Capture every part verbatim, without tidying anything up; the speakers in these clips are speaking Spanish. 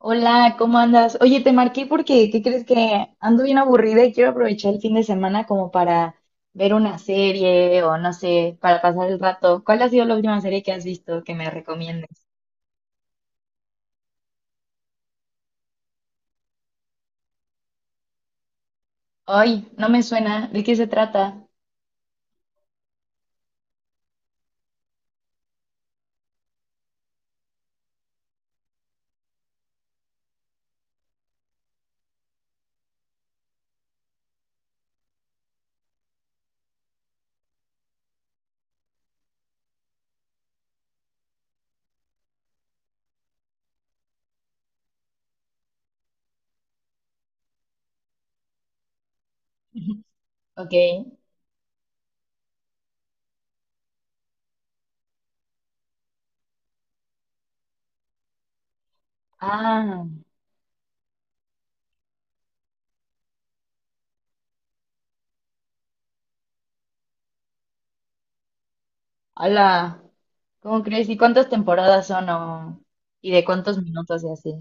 Hola, ¿cómo andas? Oye, te marqué porque, ¿qué crees? Que ando bien aburrida y quiero aprovechar el fin de semana como para ver una serie o no sé, para pasar el rato. ¿Cuál ha sido la última serie que has visto que me recomiendes? Ay, no me suena. ¿De qué se trata? Ok. Ah, hola. ¿Cómo crees? ¿Y cuántas temporadas son o y de cuántos minutos y así?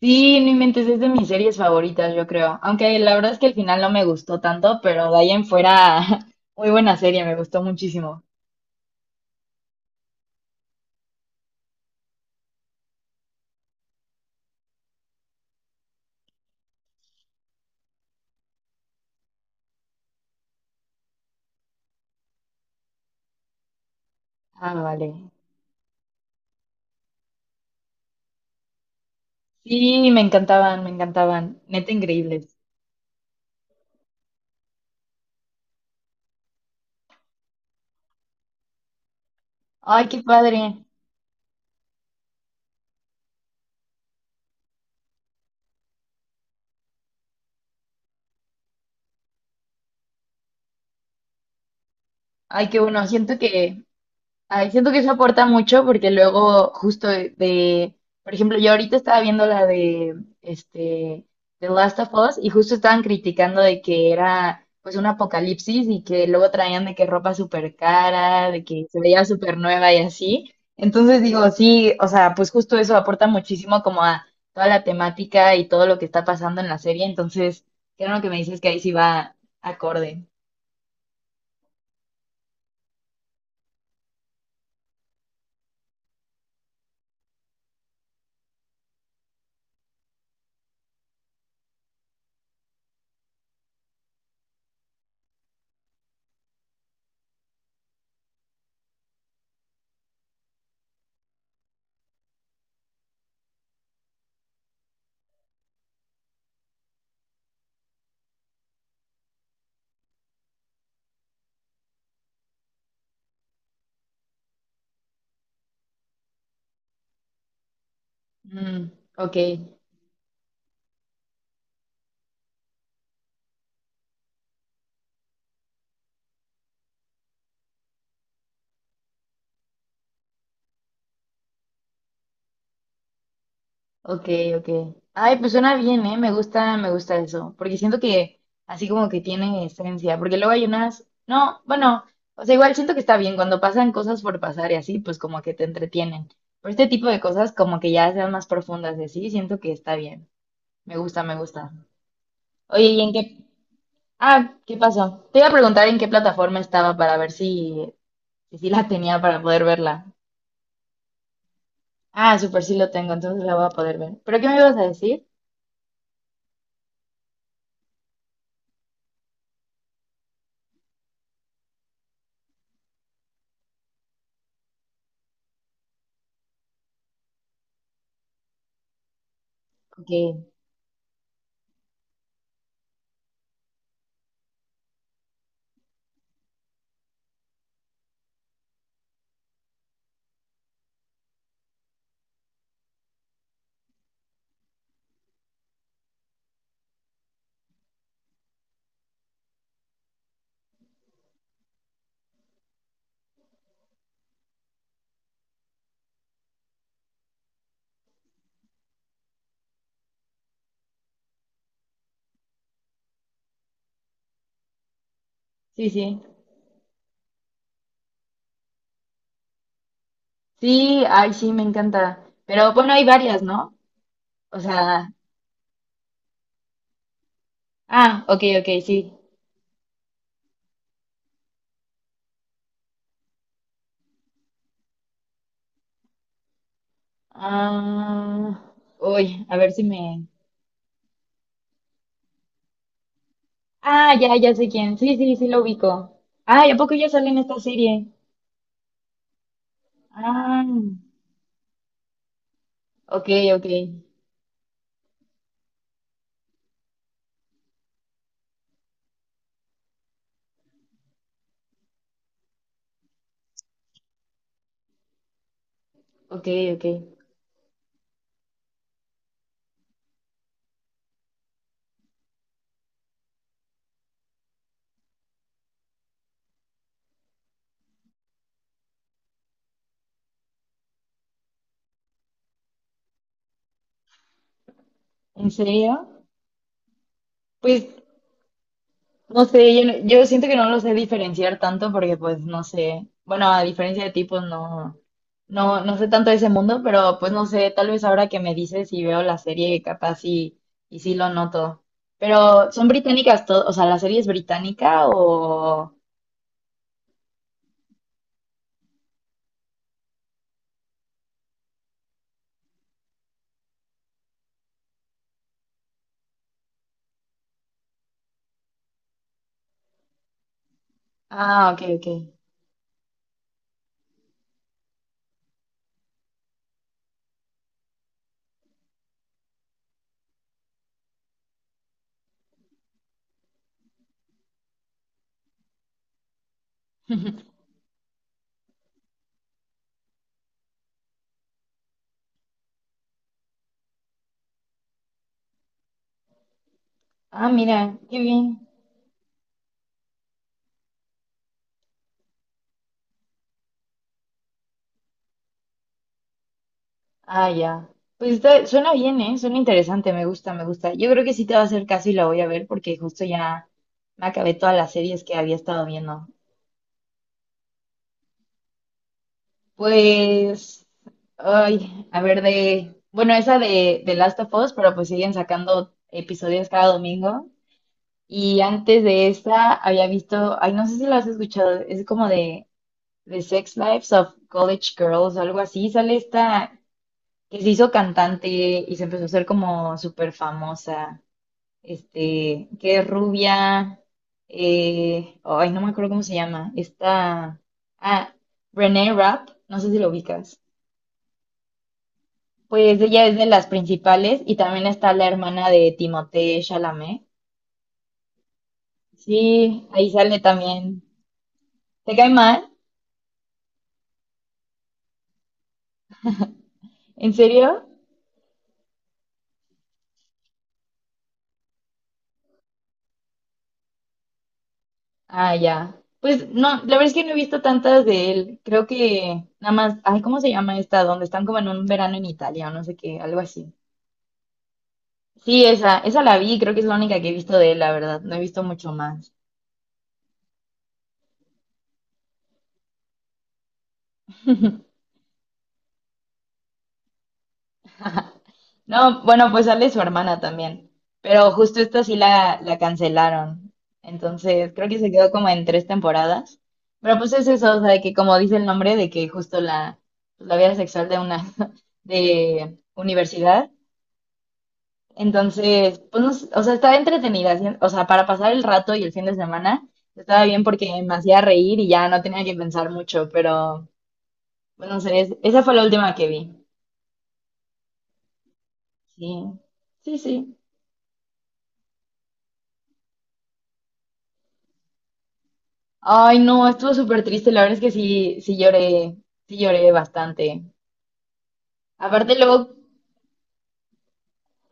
Sí, no inventes, es de mis series favoritas, yo creo. Aunque la verdad es que el final no me gustó tanto, pero de ahí en fuera, muy buena serie, me gustó muchísimo. Ah, vale. Sí, me encantaban, me encantaban. Neta increíbles. Ay, qué padre. Ay, qué bueno. Siento que, ay, siento que eso aporta mucho porque luego justo de, de- por ejemplo, yo ahorita estaba viendo la de este The Last of Us y justo estaban criticando de que era pues un apocalipsis y que luego traían de que ropa súper cara, de que se veía súper nueva y así. Entonces digo, sí, o sea, pues justo eso aporta muchísimo como a toda la temática y todo lo que está pasando en la serie. Entonces, creo que me dices que ahí sí va acorde. Mm, ok. Ok, ok. Ay, pues suena bien, ¿eh? Me gusta, me gusta eso, porque siento que así como que tiene esencia, porque luego hay unas, no, bueno, o sea, igual siento que está bien cuando pasan cosas por pasar y así, pues como que te entretienen. Pero este tipo de cosas como que ya sean más profundas y así, siento que está bien. Me gusta, me gusta. Oye, ¿y en qué? Ah, ¿qué pasó? Te iba a preguntar en qué plataforma estaba para ver si, si sí la tenía para poder verla. Ah, súper, sí lo tengo, entonces la voy a poder ver. ¿Pero qué me ibas a decir? Ok, sí, sí. Sí, ay, sí, me encanta. Pero bueno, hay varias, ¿no? O sea, ah, ok, ok, sí. Ah, uy, a ver si me. Ah, ya, ya sé quién. Sí, sí, sí lo ubico. Ay, ¿a poco ya sale en esta serie? Ah, ok, ok, ok, ok. ¿En serio? Pues no sé, yo, no- yo siento que no lo sé diferenciar tanto porque pues no sé, bueno, a diferencia de ti pues no, no, no sé tanto de ese mundo, pero pues no sé, tal vez ahora que me dices y veo la serie capaz y, y sí lo noto. Pero son británicas todas, o sea, ¿la serie es británica o...? Ah, ok, ok. Ah, mira, qué bien. Ah, ya. Pues está- suena bien, ¿eh? Suena interesante, me gusta, me gusta. Yo creo que sí te va a hacer caso y la voy a ver porque justo ya me acabé todas las series que había estado viendo. Pues, ay, a ver, de, bueno, esa de, de Last of Us, pero pues siguen sacando episodios cada domingo. Y antes de esa había visto, ay, no sé si lo has escuchado, es como de, de Sex Lives of College Girls o algo así. Sale esta que se hizo cantante y se empezó a hacer como súper famosa, este, que es rubia, eh, ay, no me acuerdo cómo se llama, esta, ah, Renee Rapp, no sé si lo ubicas. Pues ella es de las principales y también está la hermana de Timothée Chalamet. Sí, ahí sale también. ¿Te cae mal? ¿En serio? Ah, ya. Pues no, la verdad es que no he visto tantas de él. Creo que nada más, ay, ¿cómo se llama esta? Donde están como en un verano en Italia o no sé qué, algo así. Sí, esa, esa la vi, creo que es la única que he visto de él, la verdad. No he visto mucho más. No, bueno, pues sale su hermana también, pero justo esta sí la, la cancelaron. Entonces, creo que se quedó como en tres temporadas. Pero pues es eso, o sea, de que como dice el nombre, de que justo la, pues, la vida sexual de una de universidad. Entonces, pues no sé, o sea, estaba entretenida, ¿sí? O sea, para pasar el rato y el fin de semana, estaba bien porque me hacía reír y ya no tenía que pensar mucho, pero bueno, no sé, es- esa fue la última que vi. Sí, sí, sí. Ay, no, estuvo súper triste. La verdad es que sí, sí lloré, sí lloré bastante. Aparte luego,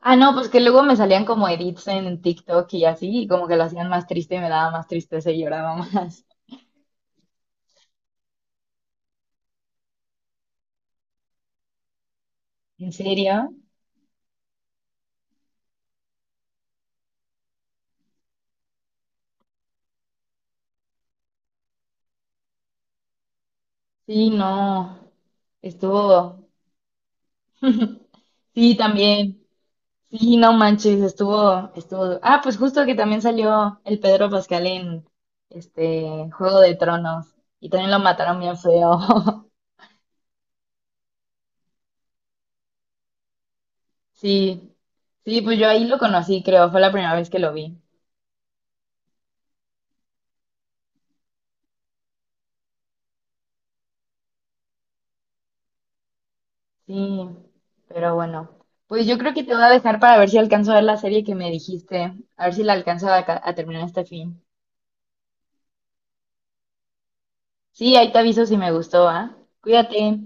ah, no, pues que luego me salían como edits en TikTok y así, y como que lo hacían más triste y me daba más tristeza y lloraba más. ¿En serio? Sí, no, estuvo, sí, también. Sí, no manches, estuvo, estuvo. Ah, pues justo que también salió el Pedro Pascal en este Juego de Tronos y también lo mataron bien feo. Sí, sí, pues yo ahí lo conocí, creo, fue la primera vez que lo vi. Sí, pero bueno, pues yo creo que te voy a dejar para ver si alcanzo a ver la serie que me dijiste, a ver si la alcanzo a, ca- a terminar este fin. Sí, ahí te aviso si me gustó, ¿ah? Cuídate.